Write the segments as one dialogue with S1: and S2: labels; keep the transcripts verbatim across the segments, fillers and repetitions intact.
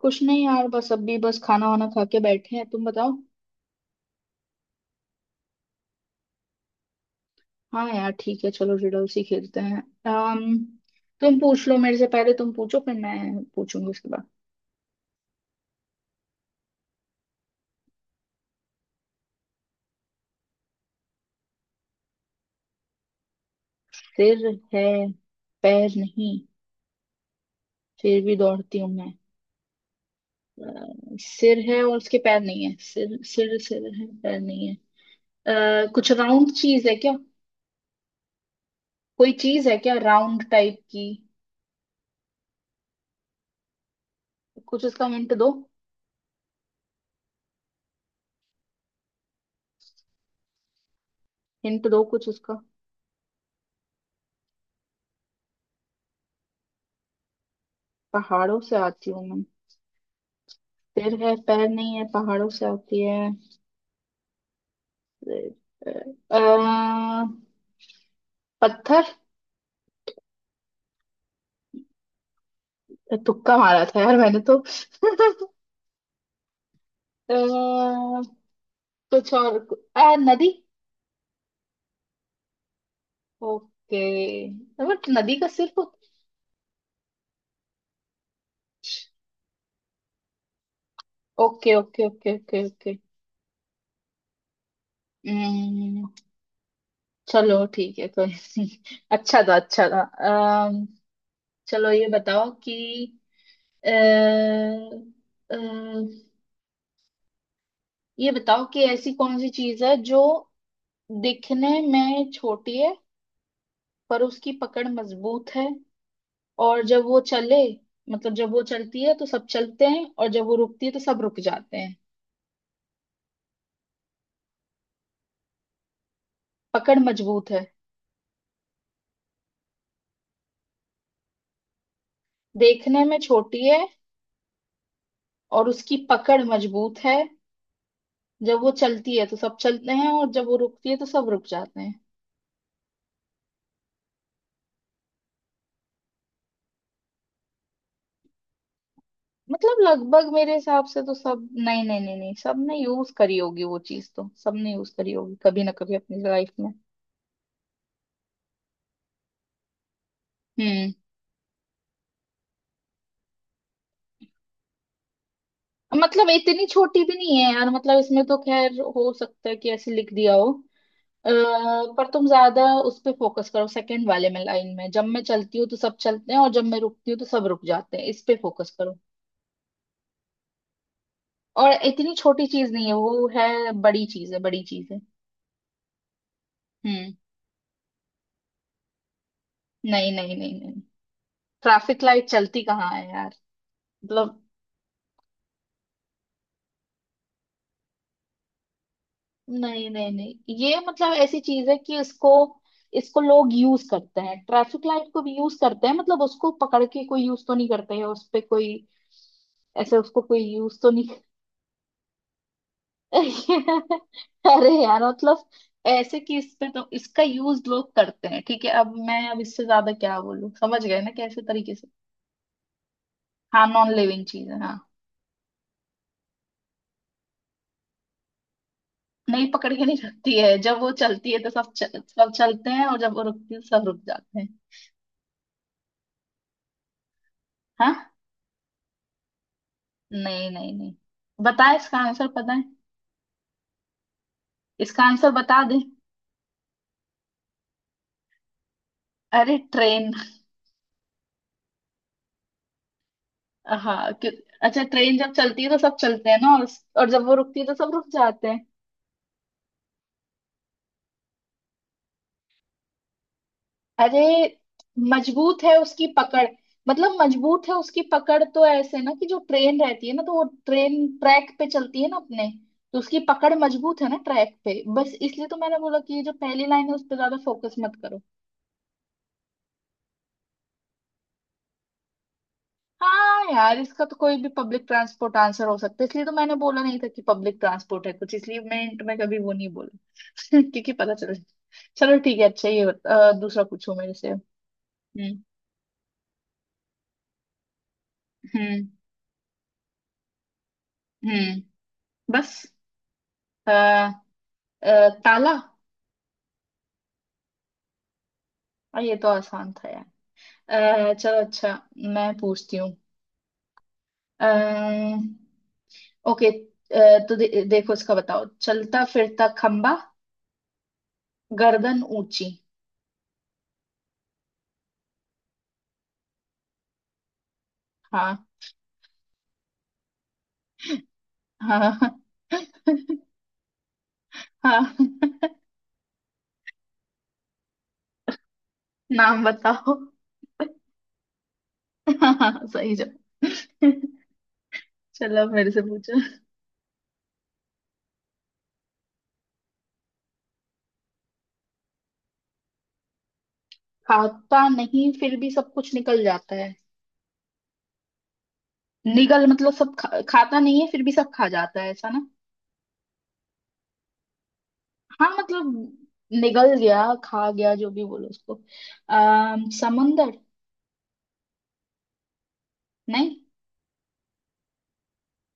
S1: कुछ नहीं यार बस अभी बस खाना वाना खा के बैठे हैं। तुम बताओ। हाँ यार, ठीक है, चलो रिडल्स ही खेलते हैं। अम तुम पूछ लो, मेरे से पहले तुम पूछो, फिर मैं पूछूंगी उसके बाद। सिर है, पैर नहीं, फिर भी दौड़ती हूँ मैं। अ, सिर है और उसके पैर नहीं है, सिर सिर सिर है पैर नहीं है। अ, कुछ राउंड चीज है क्या? कोई चीज है क्या, राउंड टाइप की? कुछ उसका हिंट दो। हिंट दो कुछ उसका। पहाड़ों से आती हूँ मैं। सिर है, पैर नहीं है, पहाड़ों से आती है। अ, पत्थर। तुक्का मारा था यार मैंने तो अ, कुछ और आ, नदी। ओके। बट नदी का सिर्फ। Okay, okay, okay, okay, okay. हम्म। चलो ठीक है, कोई नहीं। अच्छा था, अच्छा था। अम, चलो ये बताओ कि अ, अ, ये बताओ कि ऐसी कौन सी चीज है जो दिखने में छोटी है, पर उसकी पकड़ मजबूत है, और जब वो चले मतलब जब वो चलती है तो सब चलते हैं और जब वो रुकती है तो सब रुक जाते हैं। पकड़ मजबूत है। देखने में छोटी है और उसकी पकड़ मजबूत है। जब वो चलती है तो सब चलते हैं और जब वो रुकती है तो सब रुक जाते हैं। मतलब लगभग मेरे हिसाब से तो सब, नहीं नहीं नहीं नहीं, सबने यूज करी होगी वो चीज, तो सबने यूज करी होगी कभी ना कभी अपनी लाइफ में। हम्म। मतलब इतनी छोटी भी नहीं है यार, मतलब इसमें तो खैर हो सकता है कि ऐसे लिख दिया हो। अ, पर तुम ज्यादा उस पे फोकस करो, सेकंड वाले में, लाइन में, जब मैं चलती हूँ तो सब चलते हैं और जब मैं रुकती हूँ तो सब रुक जाते हैं, इस पे फोकस करो। और इतनी छोटी चीज नहीं है वो, है बड़ी चीज है, बड़ी चीज है। हम्म। नहीं नहीं नहीं नहीं। ट्रैफिक लाइट चलती कहाँ है यार? मतलब। नहीं नहीं नहीं, ये मतलब ऐसी चीज है कि इसको इसको लोग यूज करते हैं, ट्रैफिक लाइट को भी यूज करते हैं, मतलब उसको पकड़ के कोई यूज तो नहीं करते है, उस पे कोई ऐसे उसको कोई यूज तो नहीं। अरे यार मतलब, ऐसे कि इस पे तो इसका यूज लोग करते हैं, ठीक है? अब मैं अब इससे ज्यादा क्या बोलूं, समझ गए ना कैसे तरीके से? हाँ, नॉन लिविंग चीज है, हाँ। नहीं, पकड़ के नहीं रखती है, जब वो चलती है तो सब चल, सब चलते हैं और जब वो रुकती है तो सब रुक जाते हैं। हाँ। नहीं नहीं नहीं। बताए इसका आंसर पता है? इसका आंसर बता दे। अरे, ट्रेन। हाँ क्यों? अच्छा, ट्रेन जब चलती है तो सब चलते हैं ना, और, और जब वो रुकती है तो सब रुक जाते हैं। अरे, मजबूत है उसकी पकड़। मतलब मजबूत है उसकी पकड़, तो ऐसे ना कि जो ट्रेन रहती है ना, तो वो ट्रेन ट्रैक पे चलती है ना अपने, तो उसकी पकड़ मजबूत है ना ट्रैक पे, बस इसलिए तो मैंने बोला कि ये जो पहली लाइन है उस पर ज्यादा फोकस मत करो। हाँ यार, इसका तो कोई भी पब्लिक ट्रांसपोर्ट आंसर हो सकता है, इसलिए तो मैंने बोला नहीं था कि पब्लिक ट्रांसपोर्ट है कुछ, इसलिए मैं hint में कभी वो नहीं बोला, क्योंकि पता चल। चलो ठीक है, अच्छा ये बत- अ, दूसरा पूछो मेरे से। हम्म। हम्म। हम्म। बस। अ, अ, ताला। और ये तो आसान था यार। अ, चलो अच्छा, मैं पूछती हूँ। अ, ओके, अ, तो दे, देखो इसका, बताओ। चलता फिरता खंबा, गर्दन ऊंची। हाँ। हाँ। हाँ। नाम बताओ। हाँ सही जवाब। चलो मेरे से पूछो। खाता नहीं फिर भी सब कुछ निकल जाता है। निगल मतलब सब खा, खाता नहीं है फिर भी सब खा जाता है, ऐसा ना? हाँ मतलब निगल गया, खा गया, जो भी बोलो उसको। अः समंदर। नहीं।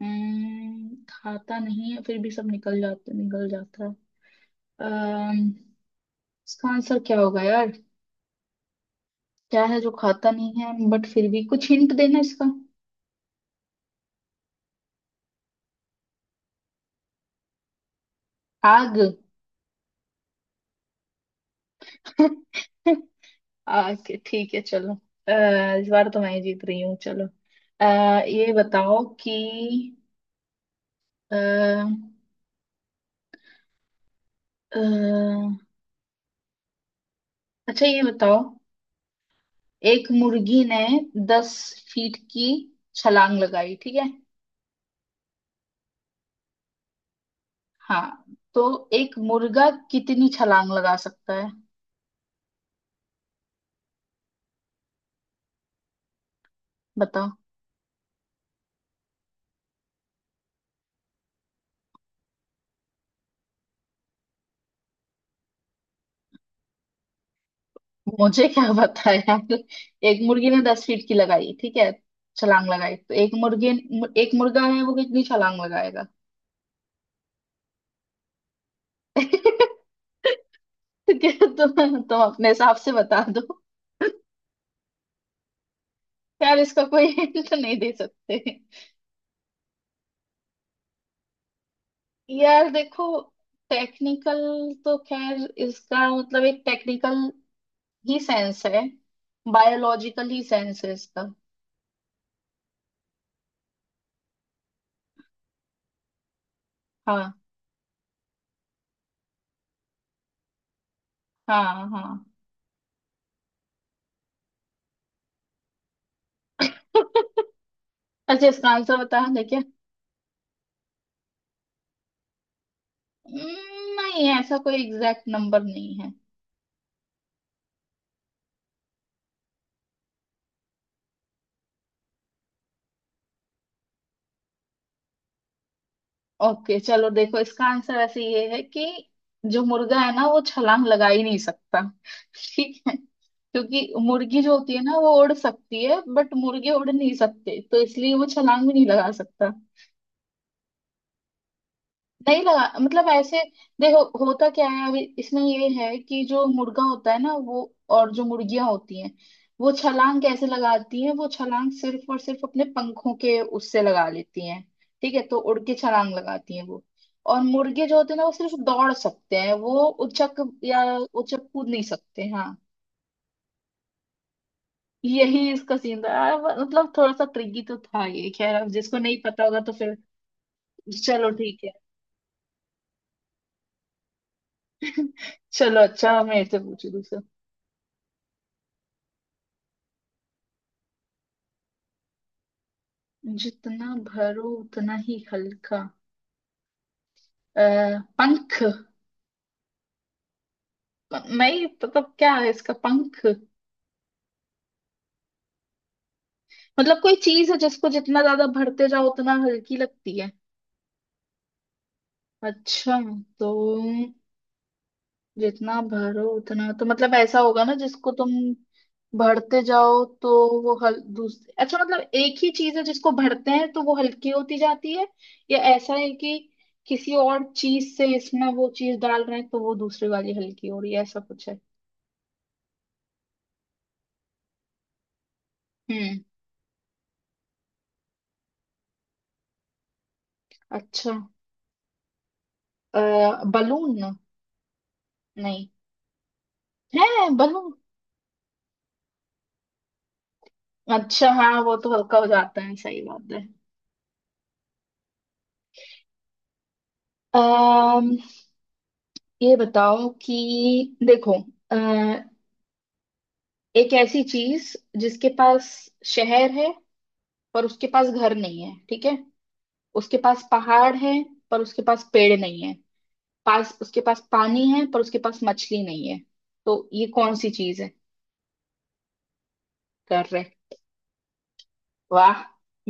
S1: हम्म, खाता नहीं है फिर भी सब निकल जाता निकल जाता है। अम्म, इसका आंसर क्या होगा यार? क्या है जो खाता नहीं है बट फिर भी, कुछ हिंट देना इसका। आग। आग ठीक है चलो। अः इस बार तो मैं ही जीत रही हूँ, चलो। अः ये बताओ कि अः अच्छा ये बताओ। एक मुर्गी ने दस फीट की छलांग लगाई, ठीक है? हाँ। तो एक मुर्गा कितनी छलांग लगा सकता है, बताओ? मुझे क्या पता है यार। एक मुर्गी ने दस फीट की लगाई, ठीक है, छलांग लगाई, तो एक मुर्गी, एक मुर्गा है, वो कितनी छलांग लगाएगा? क्या तुम तुम अपने हिसाब से बता दो। यार इसका कोई हिंट नहीं दे सकते। यार देखो, टेक्निकल तो खैर, इसका मतलब एक टेक्निकल ही सेंस है, बायोलॉजिकल ही सेंस है इसका। हाँ हाँ हाँ। अच्छा इसका आंसर बता, देखिए। हम्म, नहीं, ऐसा कोई एग्जैक्ट नंबर नहीं है। ओके चलो देखो, इसका आंसर ऐसे ये है कि जो मुर्गा है ना, वो छलांग लगा ही नहीं सकता, ठीक है? क्योंकि मुर्गी जो होती है ना, वो उड़ सकती है, बट मुर्गे उड़ नहीं सकते, तो इसलिए वो छलांग भी नहीं लगा सकता। नहीं लगा, मतलब ऐसे देखो, होता क्या है अभी इसमें ये है कि जो मुर्गा होता है ना वो, और जो मुर्गियां होती हैं, वो छलांग कैसे लगाती हैं, वो छलांग सिर्फ और सिर्फ अपने पंखों के उससे लगा लेती हैं, ठीक है, तो उड़ के छलांग लगाती हैं वो, और मुर्गे जो होते हैं ना, वो सिर्फ दौड़ सकते हैं, वो उछक या उछक कूद नहीं सकते, हाँ। यही इसका सीन था आ, मतलब थोड़ा सा ट्रिकी तो था ये, खैर अब जिसको नहीं पता होगा तो फिर। चलो ठीक है। चलो अच्छा, मेरे से पूछो। जितना भरो उतना ही हल्का। अ, पंख। प- नहीं, मतलब क्या है इसका पंख? मतलब कोई चीज है जिसको जितना ज्यादा भरते जाओ उतना हल्की लगती है? अच्छा, तो जितना भरो उतना, तो मतलब ऐसा होगा ना जिसको तुम भरते जाओ तो वो हल, दूसरे अच्छा, मतलब एक ही चीज है जिसको भरते हैं तो वो हल्की होती जाती है, या ऐसा है कि किसी और चीज से इसमें वो चीज डाल रहे हैं तो वो दूसरी वाली हल्की हो रही है, ऐसा कुछ है? हम्म। अच्छा। अ, बलून। नहीं, है बलून। अच्छा हाँ, वो तो हल्का हो जाता है, सही बात है। अम्म ये बताओ कि देखो, अ, एक ऐसी चीज जिसके पास शहर है पर उसके पास घर नहीं है, ठीक है? उसके पास पहाड़ है पर उसके पास पेड़ नहीं है, पास उसके पास पानी है पर उसके पास मछली नहीं है, तो ये कौन सी चीज है? कर रहे। वाह,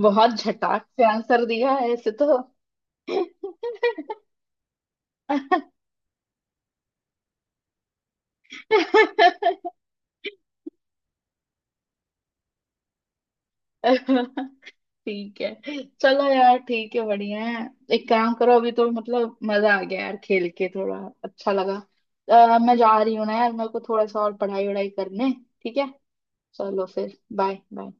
S1: बहुत झटाक से आंसर दिया है ऐसे तो। ठीक है चलो यार, ठीक है, बढ़िया है। एक काम करो, अभी तो मतलब मजा आ गया यार, खेल के थोड़ा अच्छा लगा। अ, मैं जा रही हूँ ना यार, मेरे को थोड़ा सा और पढ़ाई वढ़ाई करने। ठीक है चलो, फिर बाय बाय।